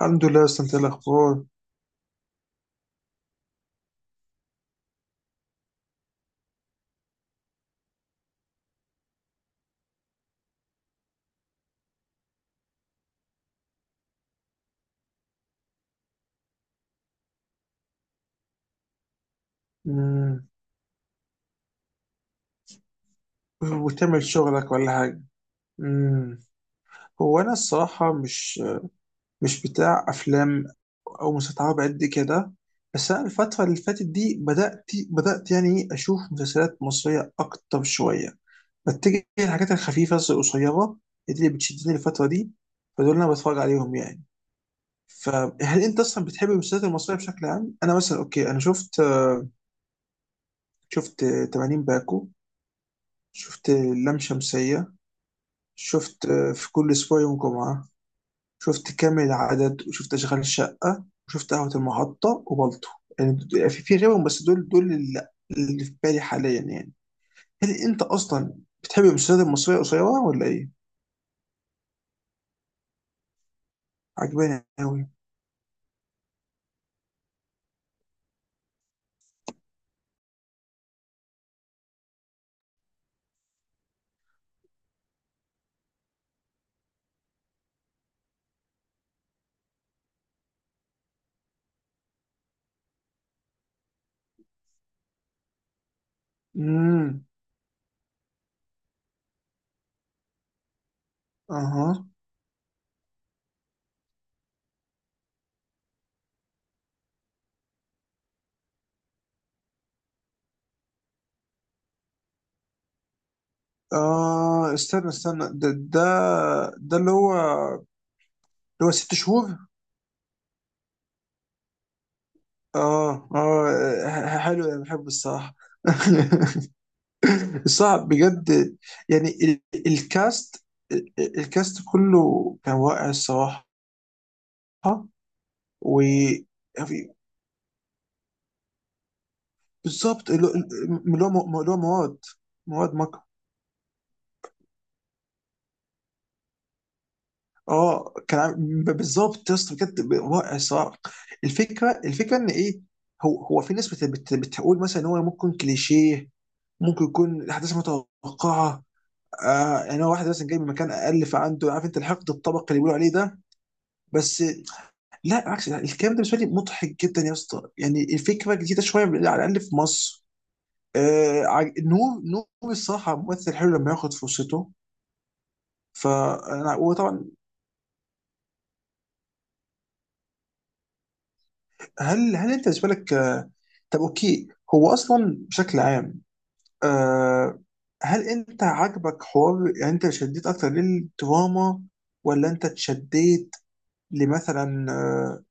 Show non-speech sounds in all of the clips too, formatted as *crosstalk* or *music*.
الحمد لله. بس انت إيه الاخبار؟ مم. وتعمل شغلك ولا حاجه؟ مم. هو انا الصراحه مش بتاع افلام او مسلسلات عربي قد كده. بس انا الفتره اللي فاتت دي بدات يعني إيه اشوف مسلسلات مصريه اكتر شويه. بتجي الحاجات الخفيفه القصيره اللي بتشدني الفتره دي، فدول انا بتفرج عليهم يعني. فهل انت اصلا بتحب المسلسلات المصريه بشكل عام؟ انا مثلا، اوكي، انا شفت 80 باكو، شفت لام شمسيه، شفت في كل اسبوع يوم جمعه، شفت كامل العدد، وشفت اشغال شقه، وشفت قهوه المحطه، وبلطو. يعني في غيرهم، بس دول اللي في بالي حاليا يعني. هل انت اصلا بتحب المسلسلات المصريه القصيره ولا ايه؟ عجباني قوي. امم. اها. اه، استنى استنى ده ده اللي هو ست شهور. اه، اه، حلو، انا بحبه الصراحه. *laughs* صعب بجد. يعني الكاست الكاست كله كان رائع الصراحة. و يعني بالظبط اللي هو مواد مكر. اه، بالظبط يا اسطى، بجد رائع الصراحة. الفكرة ان ايه، هو في ناس بتقول مثلا ان هو ممكن كليشيه، ممكن يكون الاحداث متوقعه. يعني هو واحد مثلا جاي من مكان اقل، فعنده عارف انت الحقد الطبقي اللي بيقولوا عليه ده. بس لا، عكس ده، الكلام ده بالنسبه لي مضحك جدا يا اسطى، يعني الفكره جديده شويه على الاقل في مصر. نور الصراحه ممثل حلو لما ياخد فرصته. فانا وطبعا، هل انت بالنسبه لك طب اوكي، هو اصلا بشكل عام، آه هل انت عاجبك حوار؟ يعني انت شديت اكتر للدراما ولا انت اتشديت لمثلا آه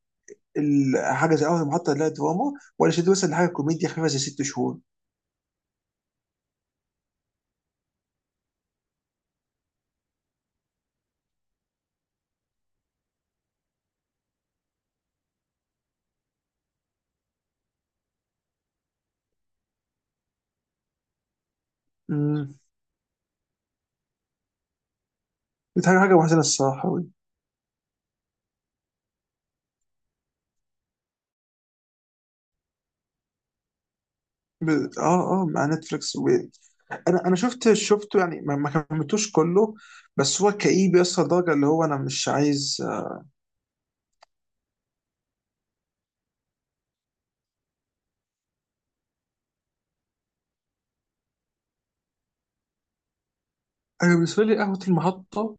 ال- حاجه زي اول محطه اللي هي دراما، ولا شديت مثلا لحاجه كوميديا خفيفه زي ست شهور؟ دي حاجة وحشة الصراحة. ب- اه، اه، مع نتفليكس. انا شفت شفته يعني ما كملتوش كله، بس هو كئيب يوصل لدرجة اللي هو انا مش عايز. انا بالنسبة لي قهوة المحطة،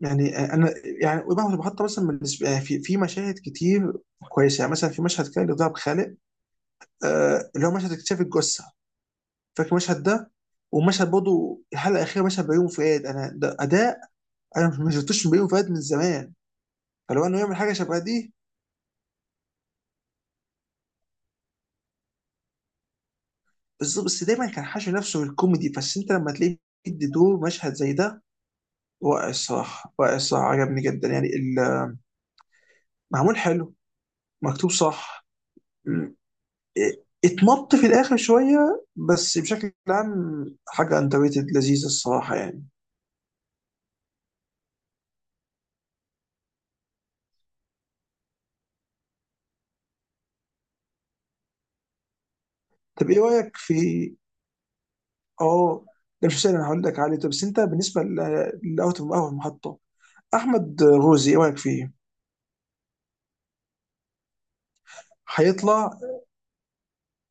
يعني انا، يعني قهوة المحطة مثلا بالنسبة يعني في مشاهد كتير كويسة. يعني مثلا في مشهد كان لضرب خالق، اللي هو مشهد اكتشاف الجثة. فاكر المشهد ده؟ ومشهد برضه الحلقة الأخيرة، مشهد بيومي فؤاد، أنا ده أداء. أنا ما شفتوش من بيومي فؤاد من زمان، فلو إنه يعمل حاجة شبه دي بالظبط. بس دايما كان حاشي نفسه بالكوميدي، بس انت لما تلاقيه بيدي دور مشهد زي ده، رائع الصراحه، رائع الصراحه، عجبني جدا. يعني معمول حلو، مكتوب صح، م- إيه، اتمط في الاخر شويه، بس بشكل عام حاجه اندر ريتد لذيذه الصراحه يعني. طب ايه رايك في، اه ده مش سهل، انا هقول لك عليه. طب بس انت بالنسبه لاوت اوف اول محطه، احمد غوزي ايه رايك فيه؟ هيطلع،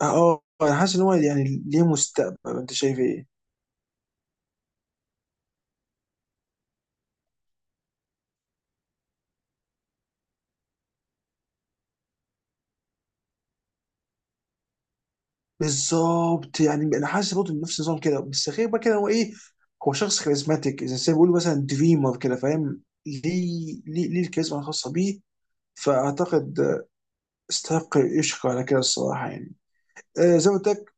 انا حاسس ان هو يعني ليه مستقبل. انت شايف ايه؟ بالظبط، يعني انا حاسس برضه إن نفس النظام كده، بس غير بقى كده هو ايه. هو شخص كاريزماتيك، اذا زي ما بيقولوا مثلا دريمر كده، فاهم ليه الكاريزما الخاصه بيه. فاعتقد استحق يشكر على كده الصراحه يعني. زي ما قلت لك،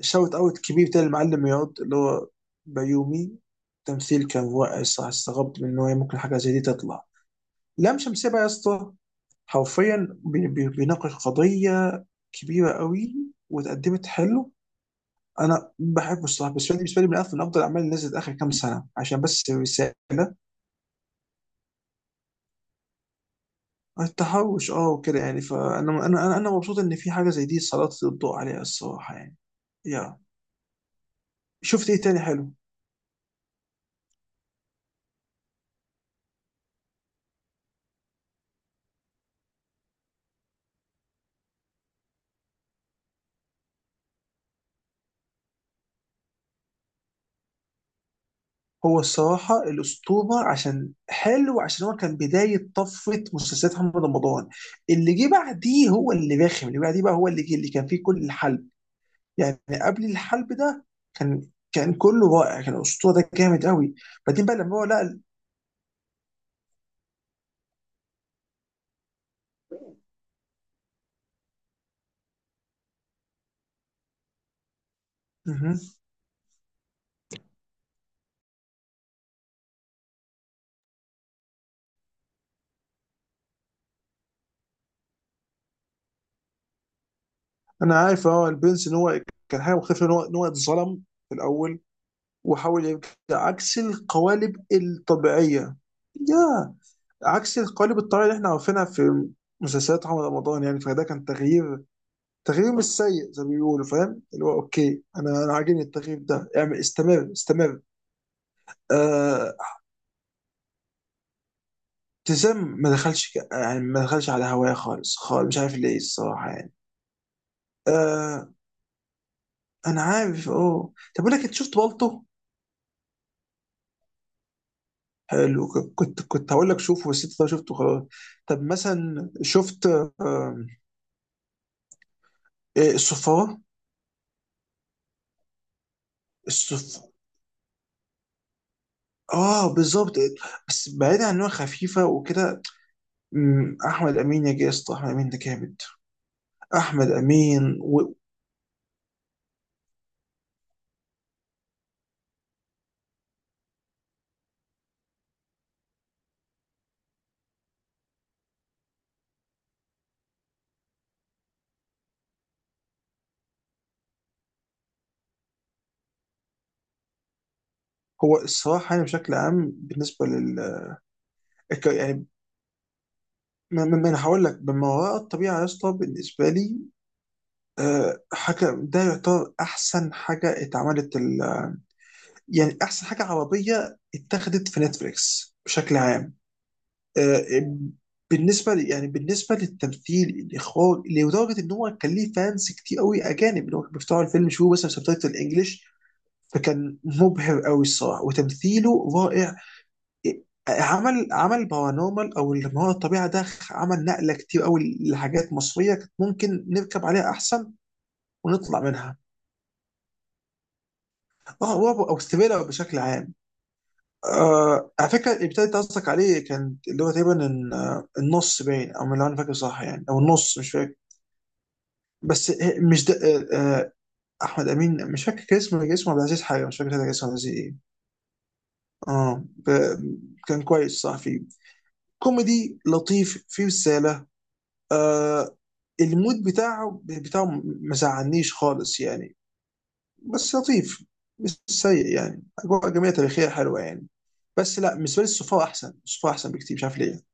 شوت اوت كبير بتاع المعلم رياض اللي هو بيومي. تمثيل كان رائع الصراحه، استغربت من ان هو ممكن حاجه زي دي تطلع. لام شمسية بقى يا اسطى، حرفيا بيناقش قضيه كبيره قوي، واتقدمت حلو. انا بحبه الصراحه، بس فيلم بالنسبه لي من افضل الاعمال اللي نزلت اخر كام سنه عشان بس رساله. التحرش وكده يعني، فانا انا مبسوط ان في حاجه زي دي سلطت الضوء عليها الصراحه يعني. يا، شفت ايه تاني حلو؟ هو الصراحه الاسطوره عشان حلو، عشان هو كان بدايه طفره مسلسلات محمد رمضان. اللي جه بعديه هو اللي رخم، اللي بعديه بقى هو اللي جه اللي كان فيه كل الحلب. يعني قبل الحلب ده كان كان كله رائع. كان الاسطوره ده جامد قوي. بعدين بقى لما هو لقى، انا عارف البرنس ان هو كان حاجه مختلفه، ان هو اتظلم في الاول وحاول يرجع عكس القوالب الطبيعيه. يا، عكس القوالب الطبيعيه اللي احنا عارفينها في مسلسلات محمد رمضان يعني، فده كان تغيير مش سيء زي ما بيقولوا، فاهم اللي هو اوكي، انا عاجبني التغيير ده، اعمل، استمر استمر. آه ابتسام ما دخلش يعني ما دخلش على هواية خالص خالص، مش عارف ليه الصراحه يعني. آه، انا عارف، اه، طب اقول لك انت شفت بالطو؟ حلو، كنت هقول لك شوفه، بس انت شفته خلاص. طب مثلا شفت آم، إيه، الصفارة. الصف اه بالظبط. بس بعيد عن انها خفيفه وكده، احمد امين يا جاسط، احمد امين ده جامد. احمد امين هو الصراحه يعني بشكل عام بالنسبه لل يعني ما انا هقول لك، من وراء الطبيعه يا اسطى بالنسبه لي حاجه، ده يعتبر احسن حاجه اتعملت. يعني احسن حاجه عربيه اتاخدت في نتفليكس بشكل عام. آه، يعني بالنسبه للتمثيل الاخراج، لدرجه ان هو كان ليه فانس كتير قوي اجانب اللي هو كانوا بيفتحوا الفيلم يشوفوا مثلا سبتايتل انجلش. فكان مبهر قوي الصراحه، وتمثيله رائع. عمل بارانورمال او اللي ما هو الطبيعه ده عمل نقله كتير قوي لحاجات مصريه كانت ممكن نركب عليها احسن ونطلع منها. اه، رعب او ثريلر بشكل عام. على فكره اللي ابتديت قصدك عليه كان اللي هو تقريبا النص باين، او اللي انا فاكر صح يعني، او النص مش فاكر. بس مش ده. آه، آه، احمد امين مش فاكر كان اسمه، كان اسمه عبد العزيز حاجه، مش فاكر كان اسمه عبد العزيز ايه. اه، كان كويس صح فيه كوميدي لطيف فيه رساله. آه المود بتاعه ما زعلنيش خالص يعني، بس لطيف، مش سيء يعني، اجواء جميله تاريخيه حلوه يعني. بس لا، بالنسبه لي الصفار احسن، الصفار احسن بكتير، مش عارف ليه.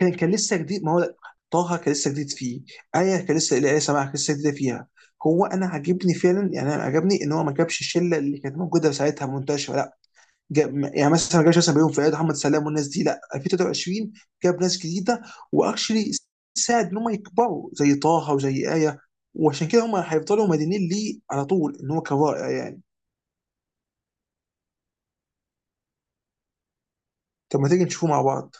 كان لسه جديد، ما هو طه كان لسه جديد فيه، ايه كان لسه ايه، سماح كان لسه جديده فيها. هو انا عاجبني فعلا، يعني انا عجبني ان هو ما جابش الشله اللي كانت موجوده ساعتها منتشره، لا، جاب، يعني مثلا ما جابش مثلا بيوم فؤاد محمد سلام والناس دي، لا، 2023 جاب ناس جديده واكشلي، ساعد ان هم يكبروا زي طه وزي ايه، وعشان كده هم هيفضلوا مدينين ليه على طول ان هو كرائع يعني. طب ما تيجي نشوفه مع بعض.